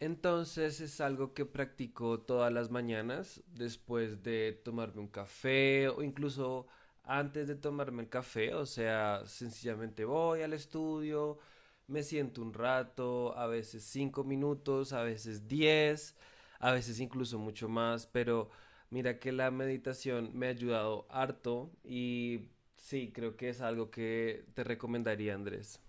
Entonces es algo que practico todas las mañanas después de tomarme un café o incluso antes de tomarme el café. O sea, sencillamente voy al estudio, me siento un rato, a veces 5 minutos, a veces diez, a veces incluso mucho más. Pero mira que la meditación me ha ayudado harto y sí, creo que es algo que te recomendaría, Andrés.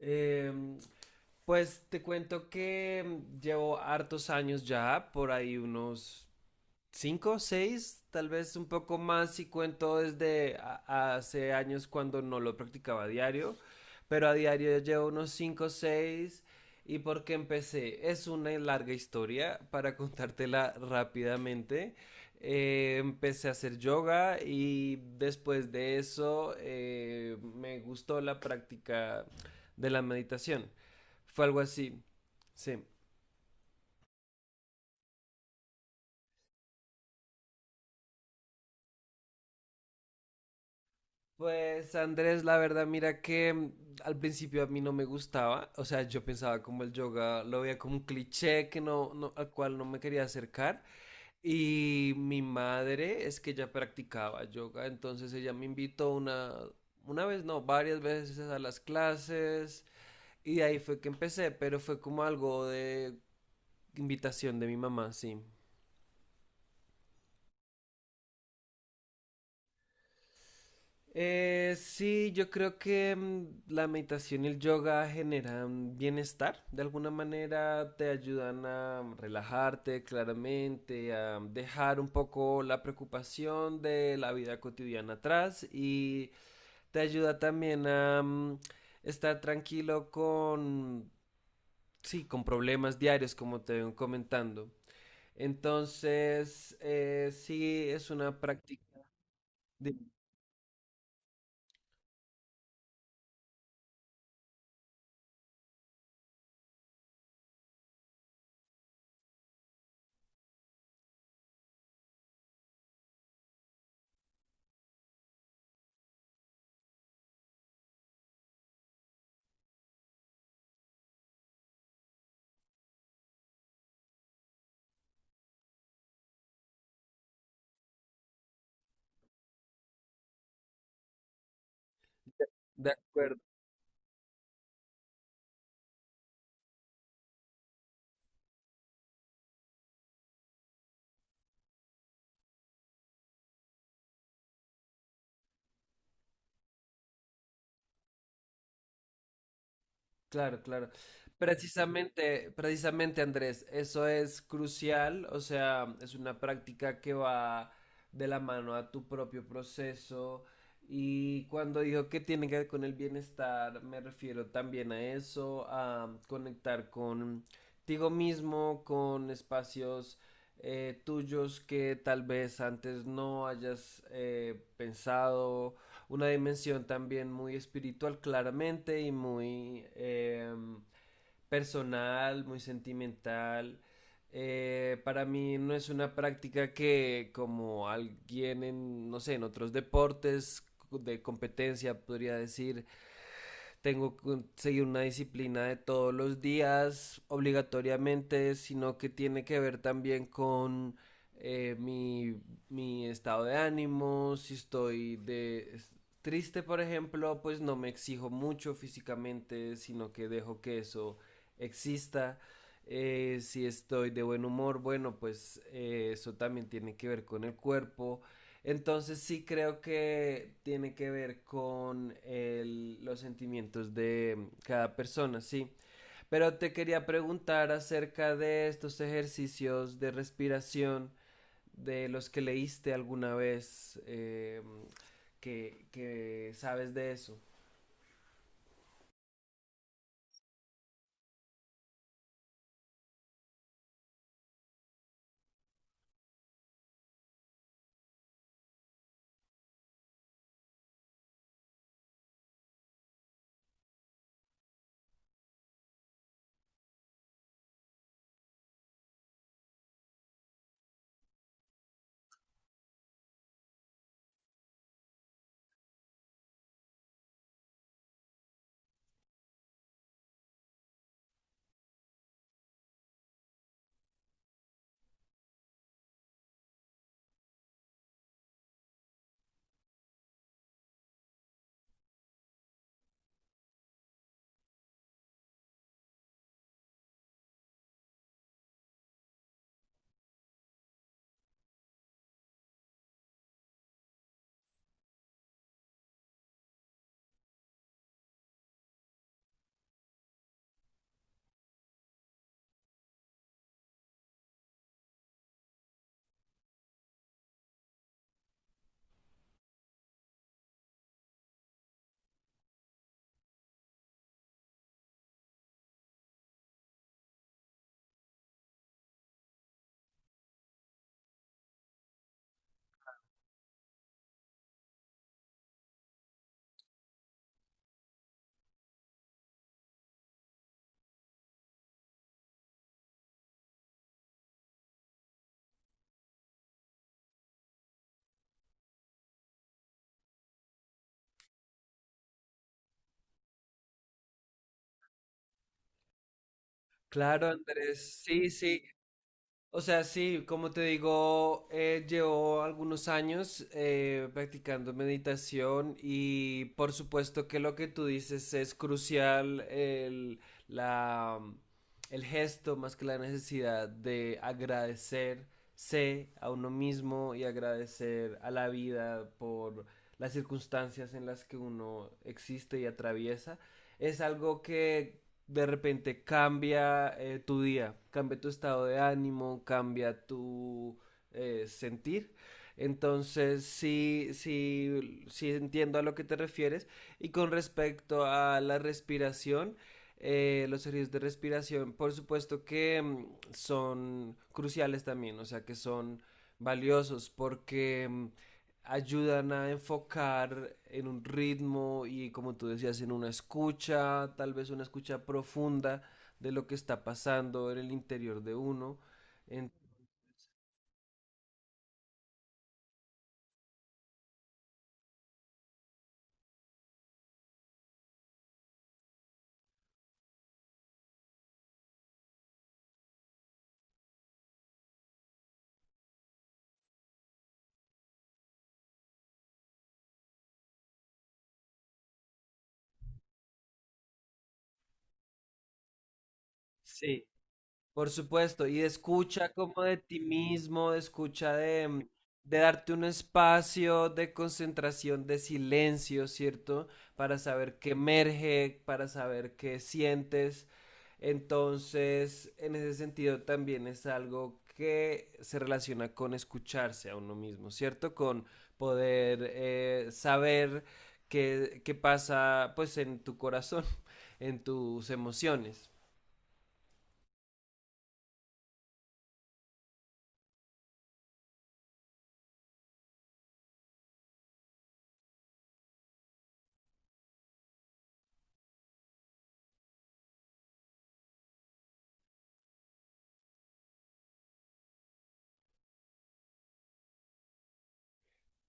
Em, pues te cuento que llevo hartos años ya, por ahí unos cinco, seis, tal vez un poco más si cuento desde hace años cuando no lo practicaba a diario, pero a diario ya llevo unos cinco, seis. ¿Y por qué empecé? Es una larga historia para contártela rápidamente. Empecé a hacer yoga y después de eso me gustó la práctica de la meditación. Fue algo así. Sí. Pues Andrés, la verdad, mira que al principio a mí no me gustaba, o sea, yo pensaba como el yoga, lo veía como un cliché que no, al cual no me quería acercar. Y mi madre es que ya practicaba yoga, entonces ella me invitó una vez, no, varias veces a las clases y de ahí fue que empecé, pero fue como algo de invitación de mi mamá, sí. Sí, yo creo que la meditación y el yoga generan bienestar. De alguna manera te ayudan a relajarte claramente, a dejar un poco la preocupación de la vida cotidiana atrás y te ayuda también a estar tranquilo con, sí, con problemas diarios, como te ven comentando. Entonces, sí, es una práctica. De, de acuerdo. Claro, claro. Precisamente, precisamente Andrés, eso es crucial, o sea, es una práctica que va de la mano a tu propio proceso y cuando digo que tiene que ver con el bienestar, me refiero también a eso, a conectar contigo mismo, con espacios tuyos que tal vez antes no hayas pensado una dimensión también muy espiritual claramente y muy personal, muy sentimental. Para mí no es una práctica que como alguien en, no sé, en otros deportes de competencia podría decir, tengo que seguir una disciplina de todos los días obligatoriamente, sino que tiene que ver también con eh, mi, mi estado de ánimo, si estoy de triste, por ejemplo, pues no me exijo mucho físicamente, sino que dejo que eso exista. Si estoy de buen humor, bueno, pues eso también tiene que ver con el cuerpo. Entonces sí creo que tiene que ver con los sentimientos de cada persona, sí. Pero te quería preguntar acerca de estos ejercicios de respiración de los que leíste alguna vez, que sabes de eso. Claro, Andrés, sí, sí. O sea, sí, como te digo, llevo algunos años practicando meditación y por supuesto que lo que tú dices es crucial, el, la, el gesto más que la necesidad de agradecerse a uno mismo y agradecer a la vida por las circunstancias en las que uno existe y atraviesa. Es algo que de repente cambia tu día, cambia tu estado de ánimo, cambia tu sentir. Entonces, sí, sí, sí entiendo a lo que te refieres. Y con respecto a la respiración, los ejercicios de respiración, por supuesto que son cruciales también, o sea, que son valiosos porque ayudan a enfocar en un ritmo y como tú decías, en una escucha, tal vez una escucha profunda de lo que está pasando en el interior de uno. En- Sí. Por supuesto, y escucha como de ti mismo, escucha de darte un espacio de concentración, de silencio, ¿cierto? Para saber qué emerge, para saber qué sientes. Entonces, en ese sentido también es algo que se relaciona con escucharse a uno mismo, ¿cierto? Con poder saber qué pasa pues en tu corazón, en tus emociones.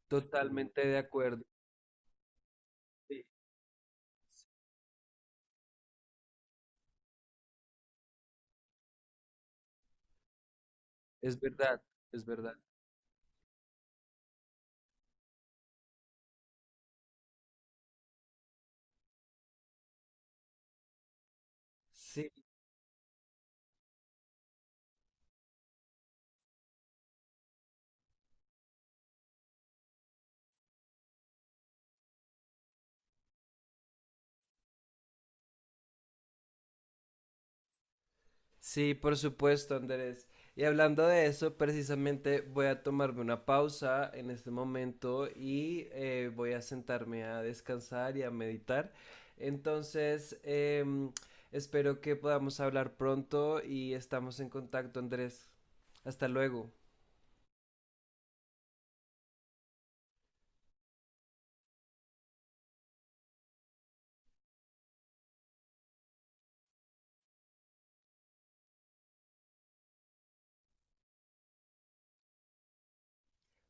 Totalmente de acuerdo. Sí, es verdad, es verdad. Sí, sí, por supuesto, Andrés. Y hablando de eso, precisamente voy a tomarme una pausa en este momento y voy a sentarme a descansar y a meditar. Entonces, espero que podamos hablar pronto y estamos en contacto, Andrés. Hasta luego.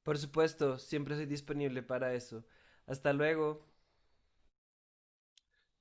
Por supuesto, siempre soy disponible para eso. Hasta luego.